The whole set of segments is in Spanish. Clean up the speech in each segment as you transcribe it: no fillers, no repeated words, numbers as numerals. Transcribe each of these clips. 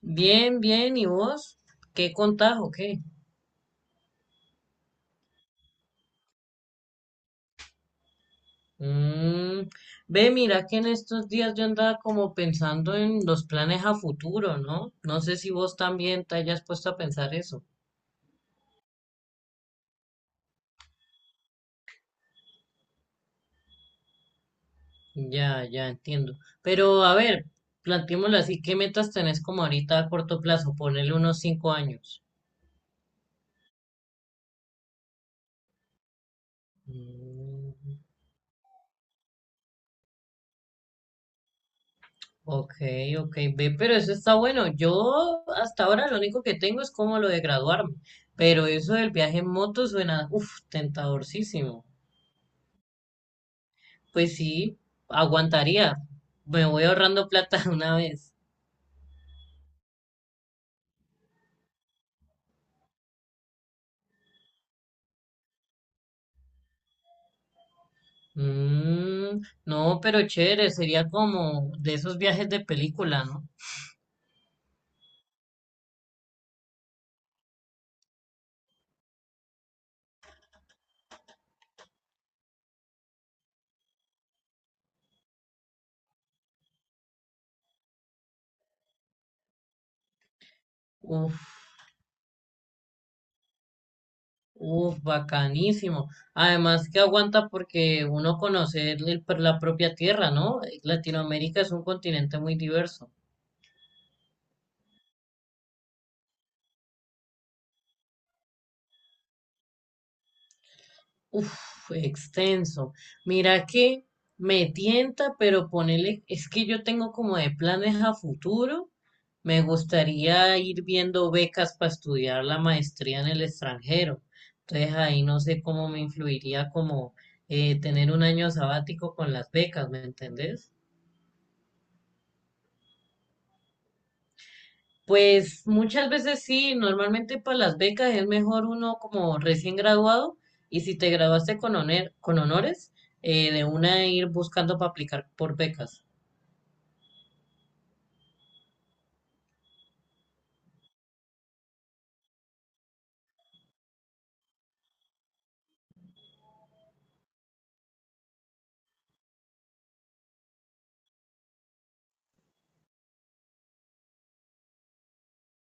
Bien, bien, ¿y vos? ¿Qué contás o qué? Mm, ve, mira que en estos días yo andaba como pensando en los planes a futuro, ¿no? No sé si vos también te hayas puesto a pensar eso. Ya entiendo. Pero a ver, planteémoslo así, ¿qué metas tenés como ahorita a corto plazo? Ponele unos 5 años. Mm. Ok, ok, ve, pero eso está bueno. Yo hasta ahora lo único que tengo es como lo de graduarme, pero eso del viaje en moto suena, uff, tentadorcísimo. Pues sí, aguantaría. Me voy ahorrando plata una vez. Mm, no, pero chévere, sería como de esos viajes de película, ¿no? Uf, uf, bacanísimo. Además que aguanta porque uno conoce la propia tierra, ¿no? Latinoamérica es un continente muy diverso. Uf, extenso. Mira que me tienta, pero ponele, es que yo tengo como de planes a futuro. Me gustaría ir viendo becas para estudiar la maestría en el extranjero. Entonces ahí no sé cómo me influiría como tener un año sabático con las becas, ¿me entendés? Pues muchas veces sí, normalmente para las becas es mejor uno como recién graduado y si te graduaste con, con honores, de una ir buscando para aplicar por becas.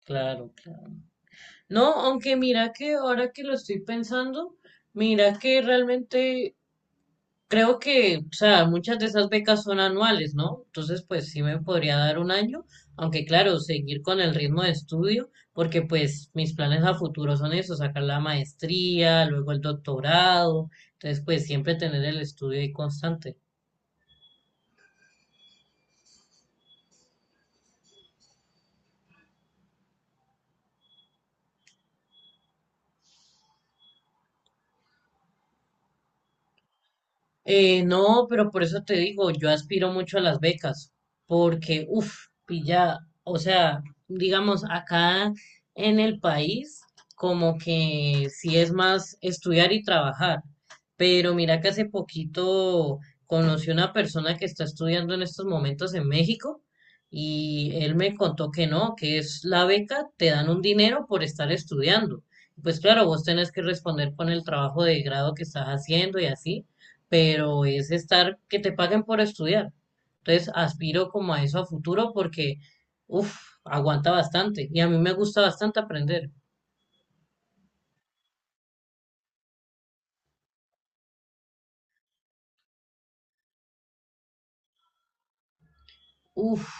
Claro, claro. No, aunque mira que ahora que lo estoy pensando, mira que realmente creo que, o sea, muchas de esas becas son anuales, ¿no? Entonces, pues sí me podría dar un año, aunque claro, seguir con el ritmo de estudio, porque pues mis planes a futuro son eso, sacar la maestría, luego el doctorado, entonces pues siempre tener el estudio ahí constante. No, pero por eso te digo, yo aspiro mucho a las becas, porque, uff, pilla, o sea, digamos, acá en el país, como que sí es más estudiar y trabajar, pero mira que hace poquito conocí una persona que está estudiando en estos momentos en México y él me contó que no, que es la beca, te dan un dinero por estar estudiando. Pues claro, vos tenés que responder con el trabajo de grado que estás haciendo y así pero es estar que te paguen por estudiar. Entonces aspiro como a eso a futuro porque, uff, aguanta bastante y a mí me gusta bastante aprender. Uff,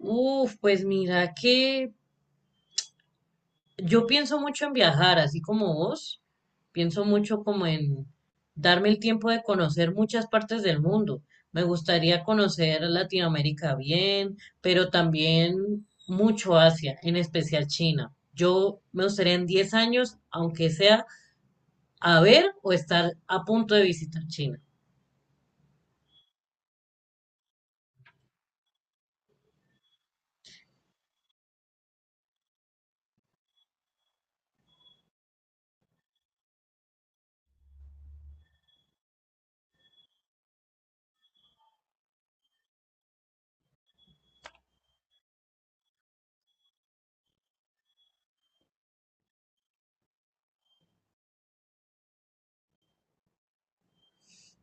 uff, pues mira que yo pienso mucho en viajar, así como vos, pienso mucho como en darme el tiempo de conocer muchas partes del mundo. Me gustaría conocer Latinoamérica bien, pero también mucho Asia, en especial China. Yo me gustaría en 10 años, aunque sea a ver o estar a punto de visitar China.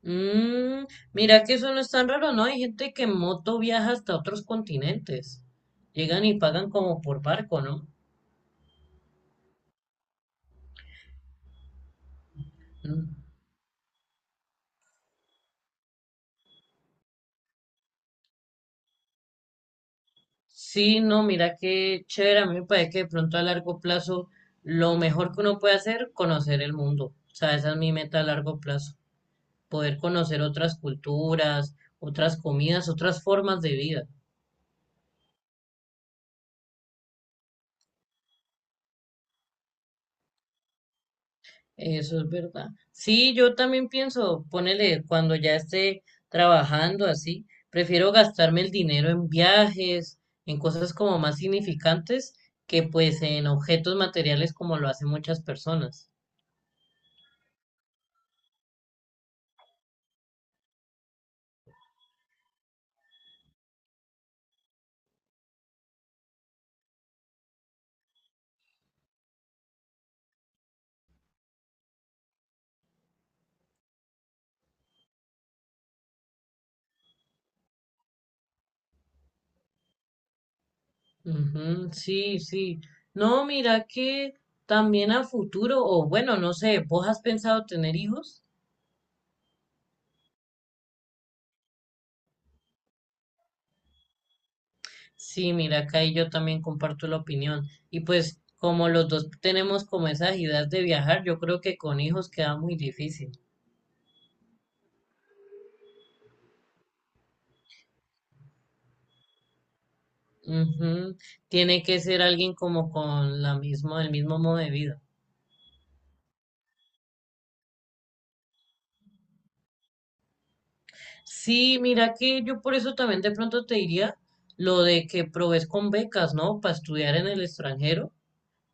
Mm, mira que eso no es tan raro, ¿no? Hay gente que en moto viaja hasta otros continentes. Llegan y pagan como por barco, ¿no? Mm. Sí, no, mira qué chévere. A mí me parece que de pronto a largo plazo lo mejor que uno puede hacer, conocer el mundo. O sea, esa es mi meta a largo plazo. Poder conocer otras culturas, otras comidas, otras formas de vida. Eso es verdad. Sí, yo también pienso, ponele, cuando ya esté trabajando así, prefiero gastarme el dinero en viajes, en cosas como más significantes, que pues en objetos materiales como lo hacen muchas personas. Ujú, sí. No, mira que también a futuro, o bueno, no sé, ¿vos has pensado tener hijos? Sí, mira que ahí yo también comparto la opinión. Y pues como los dos tenemos como esa agilidad de viajar, yo creo que con hijos queda muy difícil. Ujú. Tiene que ser alguien como con la misma, el mismo modo de vida. Sí, mira que yo por eso también de pronto te diría lo de que provees con becas, ¿no? Para estudiar en el extranjero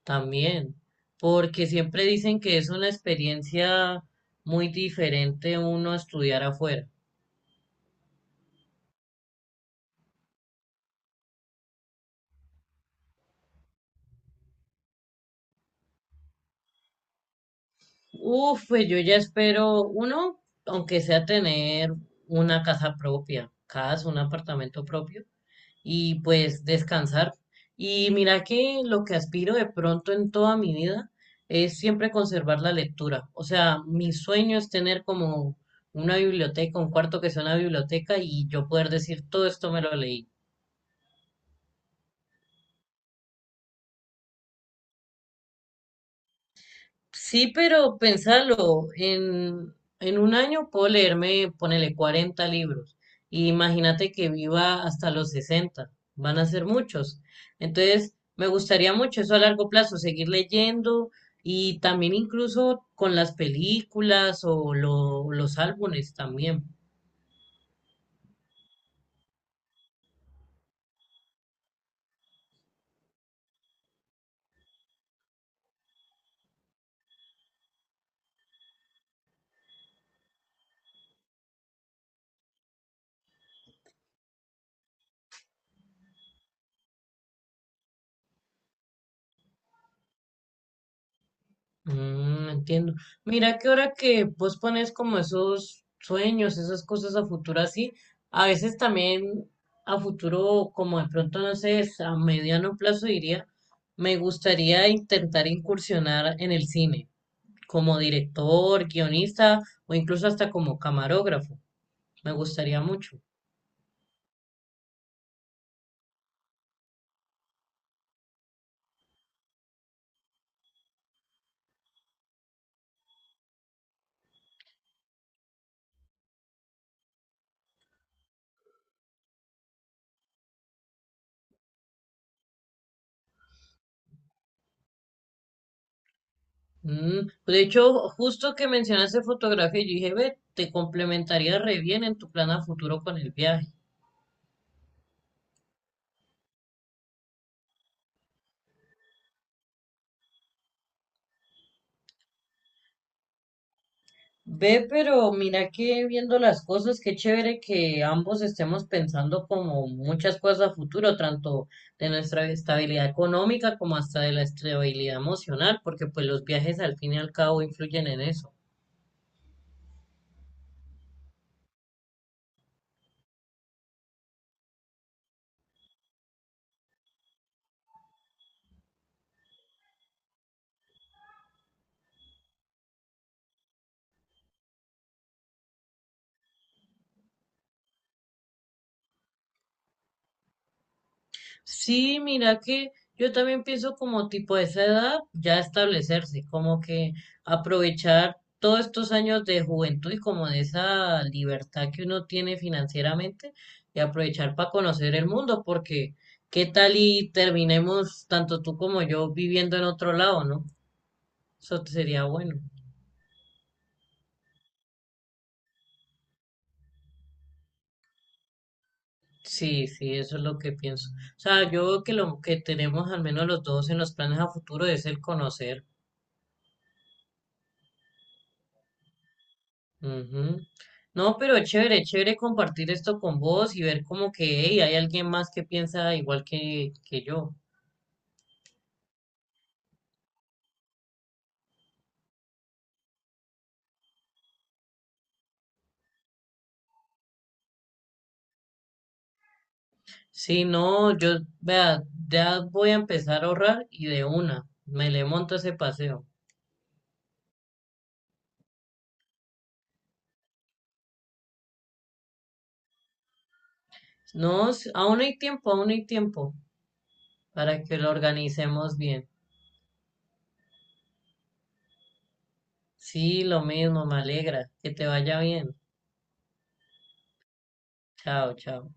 también, porque siempre dicen que es una experiencia muy diferente uno estudiar afuera. Uf, pues yo ya espero uno, aunque sea tener una casa propia, casa, un apartamento propio y pues descansar. Y mira que lo que aspiro de pronto en toda mi vida es siempre conservar la lectura. O sea, mi sueño es tener como una biblioteca, un cuarto que sea una biblioteca y yo poder decir todo esto me lo leí. Sí, pero pensarlo, en un año puedo leerme, ponele 40 libros. Y imagínate que viva hasta los 60 van a ser muchos. Entonces, me gustaría mucho eso a largo plazo, seguir leyendo y también incluso con las películas o los álbumes también. Mm, entiendo. Mira que ahora que vos pones como esos sueños, esas cosas a futuro así, a veces también a futuro, como de pronto, no sé, a mediano plazo diría, me gustaría intentar incursionar en el cine, como director, guionista o incluso hasta como camarógrafo. Me gustaría mucho. Mm, de hecho, justo que mencionaste fotografía, yo dije, ve, te complementaría re bien en tu plan a futuro con el viaje. Ve, pero mira que viendo las cosas, qué chévere que ambos estemos pensando como muchas cosas a futuro, tanto de nuestra estabilidad económica como hasta de la estabilidad emocional, porque pues los viajes al fin y al cabo influyen en eso. Sí, mira que yo también pienso como tipo de esa edad ya establecerse, como que aprovechar todos estos años de juventud y como de esa libertad que uno tiene financieramente y aprovechar para conocer el mundo, porque qué tal y terminemos tanto tú como yo viviendo en otro lado, ¿no? Eso sería bueno. Sí, eso es lo que pienso. O sea, yo creo que lo que tenemos al menos los dos en los planes a futuro es el conocer. Ujú. No, pero chévere compartir esto con vos y ver como que hey, hay alguien más que piensa igual que yo. Sí, no, yo, vea, ya voy a empezar a ahorrar y de una, me le monto ese paseo. No, aún hay tiempo para que lo organicemos bien. Sí, lo mismo, me alegra. Que te vaya bien. Chao, chao.